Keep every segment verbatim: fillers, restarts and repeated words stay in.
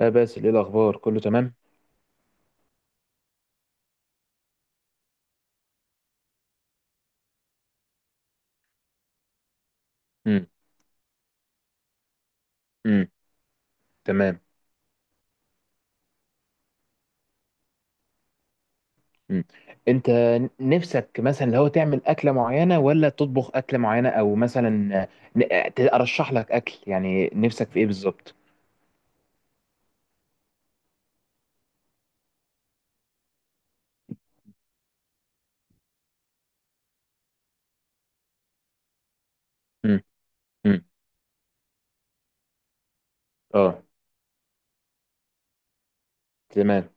آه باسل، ايه الاخبار، كله تمام؟ امم. امم. تمام. امم. انت نفسك مثلا لو تعمل اكله معينه، ولا تطبخ اكله معينه، او مثلا آه، ن- آه، ارشح لك اكل، يعني نفسك في ايه بالظبط؟ امم. امم. اه. تمام.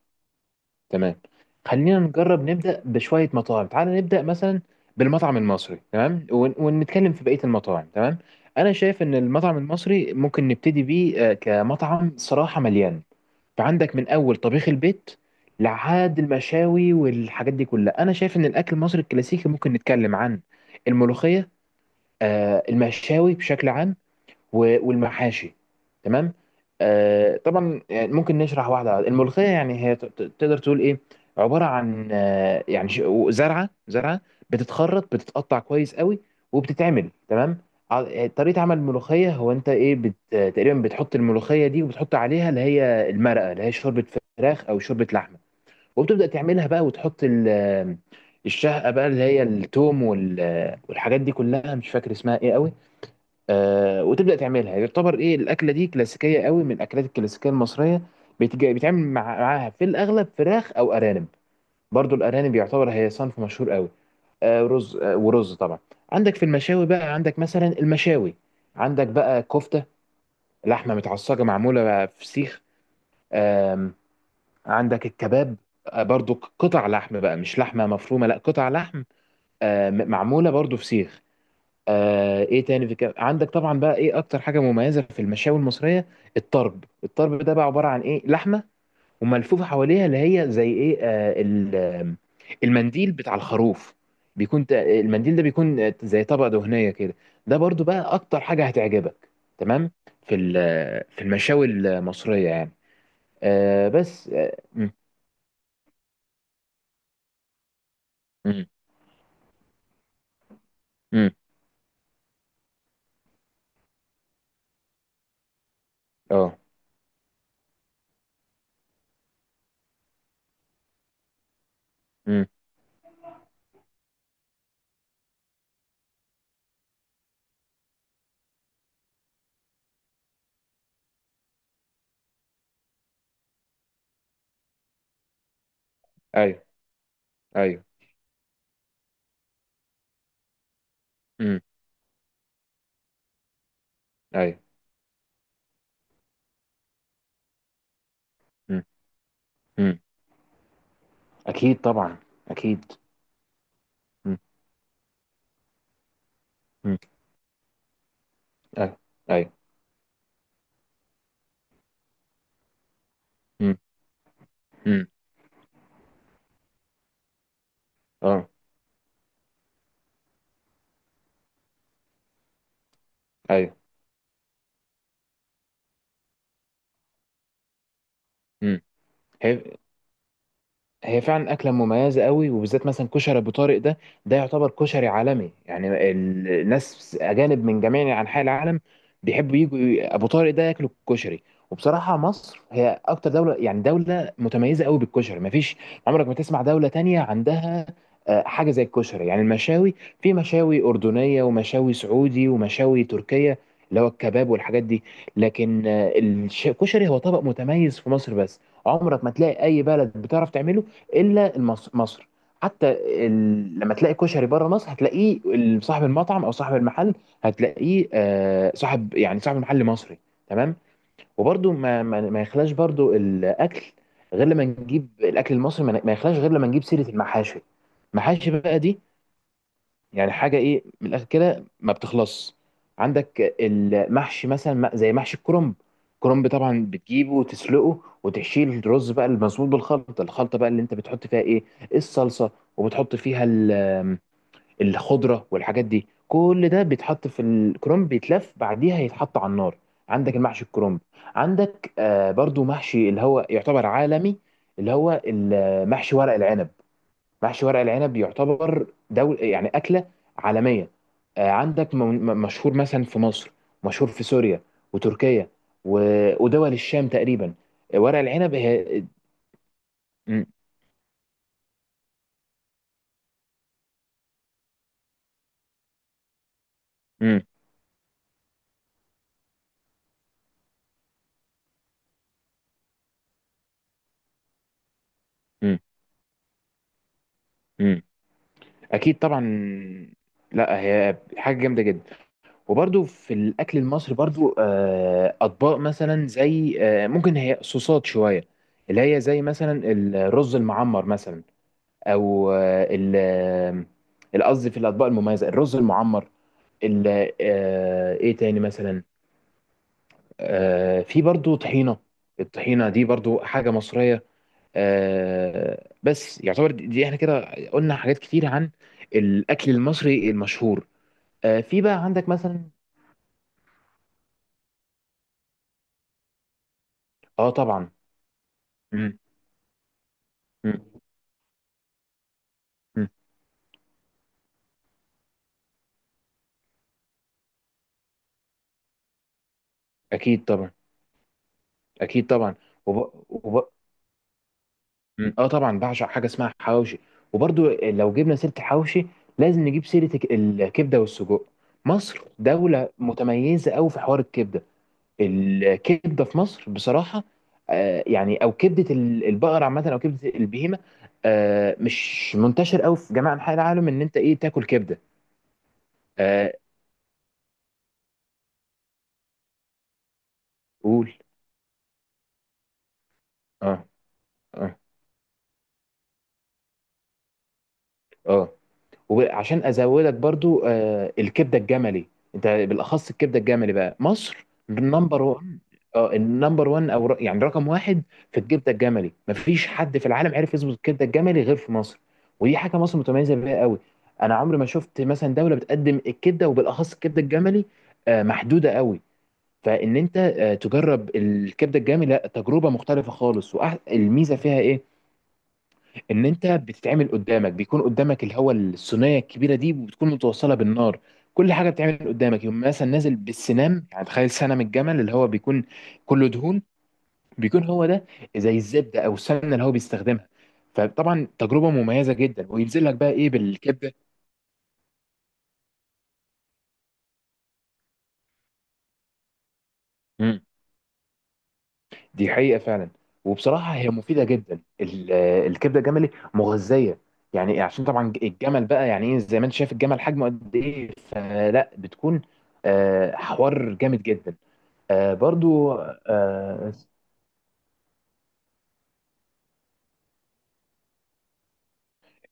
تمام. خلينا نجرب نبدأ بشوية مطاعم، تعال نبدأ مثلا بالمطعم المصري، تمام. ون- ونتكلم في بقية المطاعم، تمام. أنا شايف إن المطعم المصري ممكن نبتدي بيه، آه، كمطعم صراحة مليان. فعندك من أول طبيخ البيت لحد المشاوي والحاجات دي كلها. أنا شايف إن الأكل المصري الكلاسيكي ممكن نتكلم عن الملوخية، آه، المشاوي بشكل عام، و- والمحاشي. تمام. آه طبعا يعني ممكن نشرح واحده واحدة. الملوخيه يعني هي، ت- ت- تقدر تقول ايه، عباره عن، آه يعني ش- زرعه زرعه بتتخرط، بتتقطع كويس قوي وبتتعمل. تمام. ع- طريقه عمل الملوخيه هو انت ايه بت تقريبا بتحط الملوخيه دي، وبتحط عليها اللي هي المرقه، اللي هي شوربه فراخ او شوربه لحمه. وبتبدا تعملها بقى وتحط ال- آه، الشهقه بقى، اللي هي التوم وال- والحاجات دي كلها، مش فاكر اسمها ايه قوي. آه وتبدا تعملها. يعتبر ايه، الاكله دي كلاسيكيه قوي، من الاكلات الكلاسيكيه المصريه. بيتج- بيتعمل مع معاها في الاغلب فراخ او ارانب. برضو الارانب يعتبر هي صنف مشهور قوي. آه رز، آه ورز طبعا. عندك في المشاوي بقى، عندك مثلا المشاوي، عندك بقى كفته، لحمه متعصجه معموله بقى في سيخ. آم، عندك الكباب، آه برضو قطع لحم بقى، مش لحمه مفرومه، لا قطع لحم، آه، م- معموله برضو في سيخ. آه ايه تاني في كده؟ عندك طبعا بقى ايه اكتر حاجه مميزه في المشاوي المصريه؟ الطرب. الطرب ده بقى عباره عن ايه، لحمه وملفوفه حواليها اللي هي زي ايه، آه ال- آم، المنديل بتاع الخروف. بيكون ت- المنديل ده بيكون آه، زي طبقه دهنيه كده. ده برضو بقى اكتر حاجه هتعجبك، تمام، في ال- آه، في المشاوي المصريه يعني. آه. بس اه. مم. مم. مم. آه. مم. ايوه. ايوه. مم. ايوه. مم. مم. اكيد طبعا. اكيد. مم. مم. ايوه. ايوه. امم. امم. اه. ايوه. امم. هي هي فعلا أكلة مميزة قوي، وبالذات مثلا كشري أبو طارق ده. ده يعتبر كشري عالمي، يعني ال- الناس أجانب من جميع أنحاء العالم بيحبوا يجوا أبو طارق ده ياكلوا الكشري. وبصراحة مصر هي أكتر دولة، يعني دولة متميزة قوي بالكشري. مفيش عمرك ما تسمع دولة تانية عندها آه، حاجة زي الكشري. يعني المشاوي، في مشاوي أردنية ومشاوي سعودي ومشاوي تركية، اللي هو الكباب والحاجات دي. لكن آه، الش- الكشري هو طبق متميز في مصر بس. عمرك ما تلاقي اي بلد بتعرف تعمله الا المص- مصر. حتى ال... لما تلاقي كشري بره مصر، هتلاقيه، ال- صاحب المطعم او صاحب المحل، هتلاقيه آه، صاحب، يعني صاحب المحل، مصري. تمام. وبرده ما ما, ما يخلاش برده الاكل غير لما نجيب الاكل المصري، ما ما يخلاش غير لما نجيب سيره المحاشي. المحاشي بقى دي يعني حاجه ايه، من الاخر كده ما بتخلصش. عندك المحشي مثلا، م- زي محشي الكرنب. الكرنب طبعا بتجيبه وتسلقه وتحشيه الرز بقى المزنوق بالخلطه، الخلطه بقى اللي انت بتحط فيها ايه، الصلصه، وبتحط فيها ال- الخضره والحاجات دي. كل ده بيتحط في الكرنب، بيتلف، بعديها يتحط على النار. عندك المحشي الكرنب، عندك آه، برضو محشي اللي هو يعتبر عالمي، اللي هو المحشي ورق العنب. محشي ورق العنب يعتبر دول يعني أكلة عالمية. آه، عندك م- م- مشهور مثلا في مصر، مشهور في سوريا وتركيا، و- ودول الشام تقريبا. آه، ورق العنب هي. م- م- م- م. أكيد طبعا. لا هي حاجة جامدة جدا. وبرده في الأكل المصري برده، آه، أطباق مثلا زي، آه، ممكن هي صوصات شوية، اللي هي زي مثلا الرز المعمر مثلا، او آه، ال- القصدي في الاطباق المميزه، الرز المعمر، ال- آه، ايه تاني مثلا، آه، في برضو طحينه. الطحينه دي برضو حاجه مصريه. آه، بس يعتبر، دي دي احنا كده قلنا حاجات كتير عن الاكل المصري المشهور. آه، في بقى عندك مثلا. اه طبعا. مم. مم. مم. اكيد طبعا. اكيد طبعا. وب... وب... مم. اه طبعا، بعشق حاجه اسمها حواوشي. وبرضو لو جبنا سيره الحواوشي، لازم نجيب سيره الك- الكبده والسجق. مصر دوله متميزه قوي في حوار الكبده. الكبده في مصر بصراحه، آه يعني، او كبده ال- البقر عامه، او كبده البهيمه، آه مش منتشر قوي في جميع انحاء العالم ان انت ايه تاكل كبده. آه. قول. اه. اه. اه. وعشان ازودك برضو، آه، الكبده الجملي، انت بالاخص الكبده الجملي بقى، مصر النمبر واحد. اه النمبر واحد، او ر- يعني رقم واحد في الكبده الجملي. مفيش حد في العالم عرف يظبط الكبده الجملي غير في مصر. ودي حاجه مصر متميزه بيها قوي. انا عمري ما شفت مثلا دوله بتقدم الكبده، وبالاخص الكبده الجملي، آه، محدوده قوي. فان انت آه، تجرب الكبده الجملي، لا تجربه مختلفه خالص. والميزه فيها ايه، ان انت بتتعمل قدامك، بيكون قدامك اللي هو الصينيه الكبيره دي، وبتكون متوصله بالنار، كل حاجه بتتعمل قدامك. يوم مثلا نازل بالسنام، يعني تخيل سنام الجمل اللي هو بيكون كله دهون، بيكون هو ده زي الزبده او السمنه اللي هو بيستخدمها. فطبعا تجربه مميزه جدا، وينزل لك بقى ايه بالكبده. دي حقيقة فعلا. وبصراحة هي مفيدة جدا، ال- الكبدة الجملي مغذية. يعني عشان طبعا الجمل بقى، يعني ايه، زي ما انت شايف الجمل حجمه قد ايه، فلا بتكون آه، حوار جامد جدا. آه، برضو آه،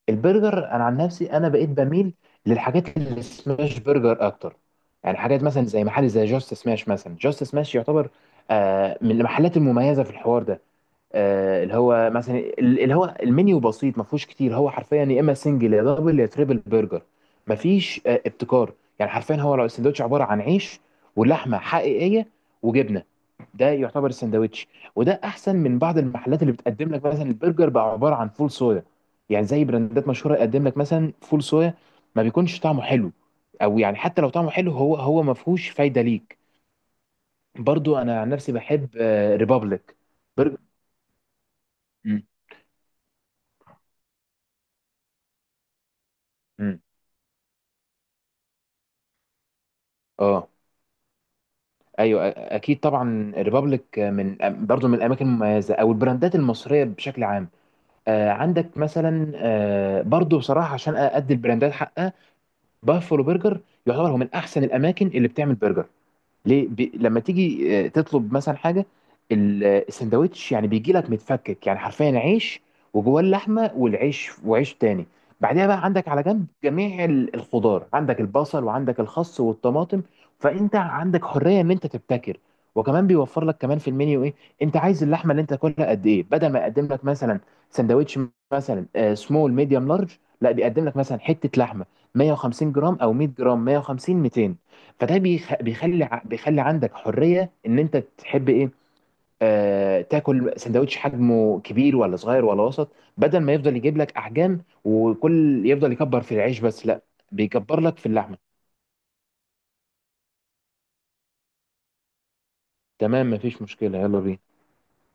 البرجر، انا عن نفسي انا بقيت بميل للحاجات اللي سماش برجر اكتر، يعني حاجات مثلا زي محل زي جاست سماش. مثلا جاست سماش يعتبر آه، من المحلات المميزة في الحوار ده. آه، اللي هو مثلا اللي هو المنيو بسيط، ما فيهوش كتير. هو حرفيا يا اما سنجل، يا دبل، يا تريبل برجر. ما فيش آه، ابتكار. يعني حرفيا هو لو السندوتش عباره عن عيش ولحمه حقيقيه وجبنه، ده يعتبر السندوتش. وده احسن من بعض المحلات اللي بتقدم لك مثلا البرجر بقى عباره عن فول صويا. يعني زي براندات مشهوره يقدم لك مثلا فول صويا، ما بيكونش طعمه حلو. او يعني حتى لو طعمه حلو، هو هو ما فيهوش فايده ليك. برضو انا عن نفسي بحب ريبابليك برجر. مم. مم. اه. ايوه. أ- اكيد طبعا، الريبابليك، من برضو من الاماكن المميزه، او البراندات المصريه بشكل عام. آه عندك مثلا، آه برضو بصراحه عشان ادي البراندات حقها، بافلو برجر. يعتبر هو من احسن الاماكن اللي بتعمل برجر. ليه، بي... لما تيجي آه، تطلب مثلا حاجه، ال- آه، السندوتش يعني بيجي لك متفكك، يعني حرفيا عيش وجواه اللحمه والعيش وعيش تاني. بعدها بقى عندك على جنب جميع ال- الخضار، عندك البصل وعندك الخس والطماطم. فانت عندك حريه ان انت تبتكر. وكمان بيوفر لك كمان في المنيو ايه، انت عايز اللحمه اللي انت تاكلها قد ايه. بدل ما يقدم لك مثلا سندوتش مثلا سمول ميديوم لارج، لا بيقدم لك مثلا حته لحمه مية وخمسين جرام او مية جرام، مية وخمسين، ميتين. فده بيخ... بيخلي ع- بيخلي عندك حريه ان انت تحب ايه. آه... تاكل سندوتش حجمه كبير ولا صغير ولا وسط، بدل ما يفضل يجيب لك احجام وكل يفضل يكبر في العيش، بس لا، بيكبر لك في اللحمه. تمام، مفيش مشكله، يلا بينا.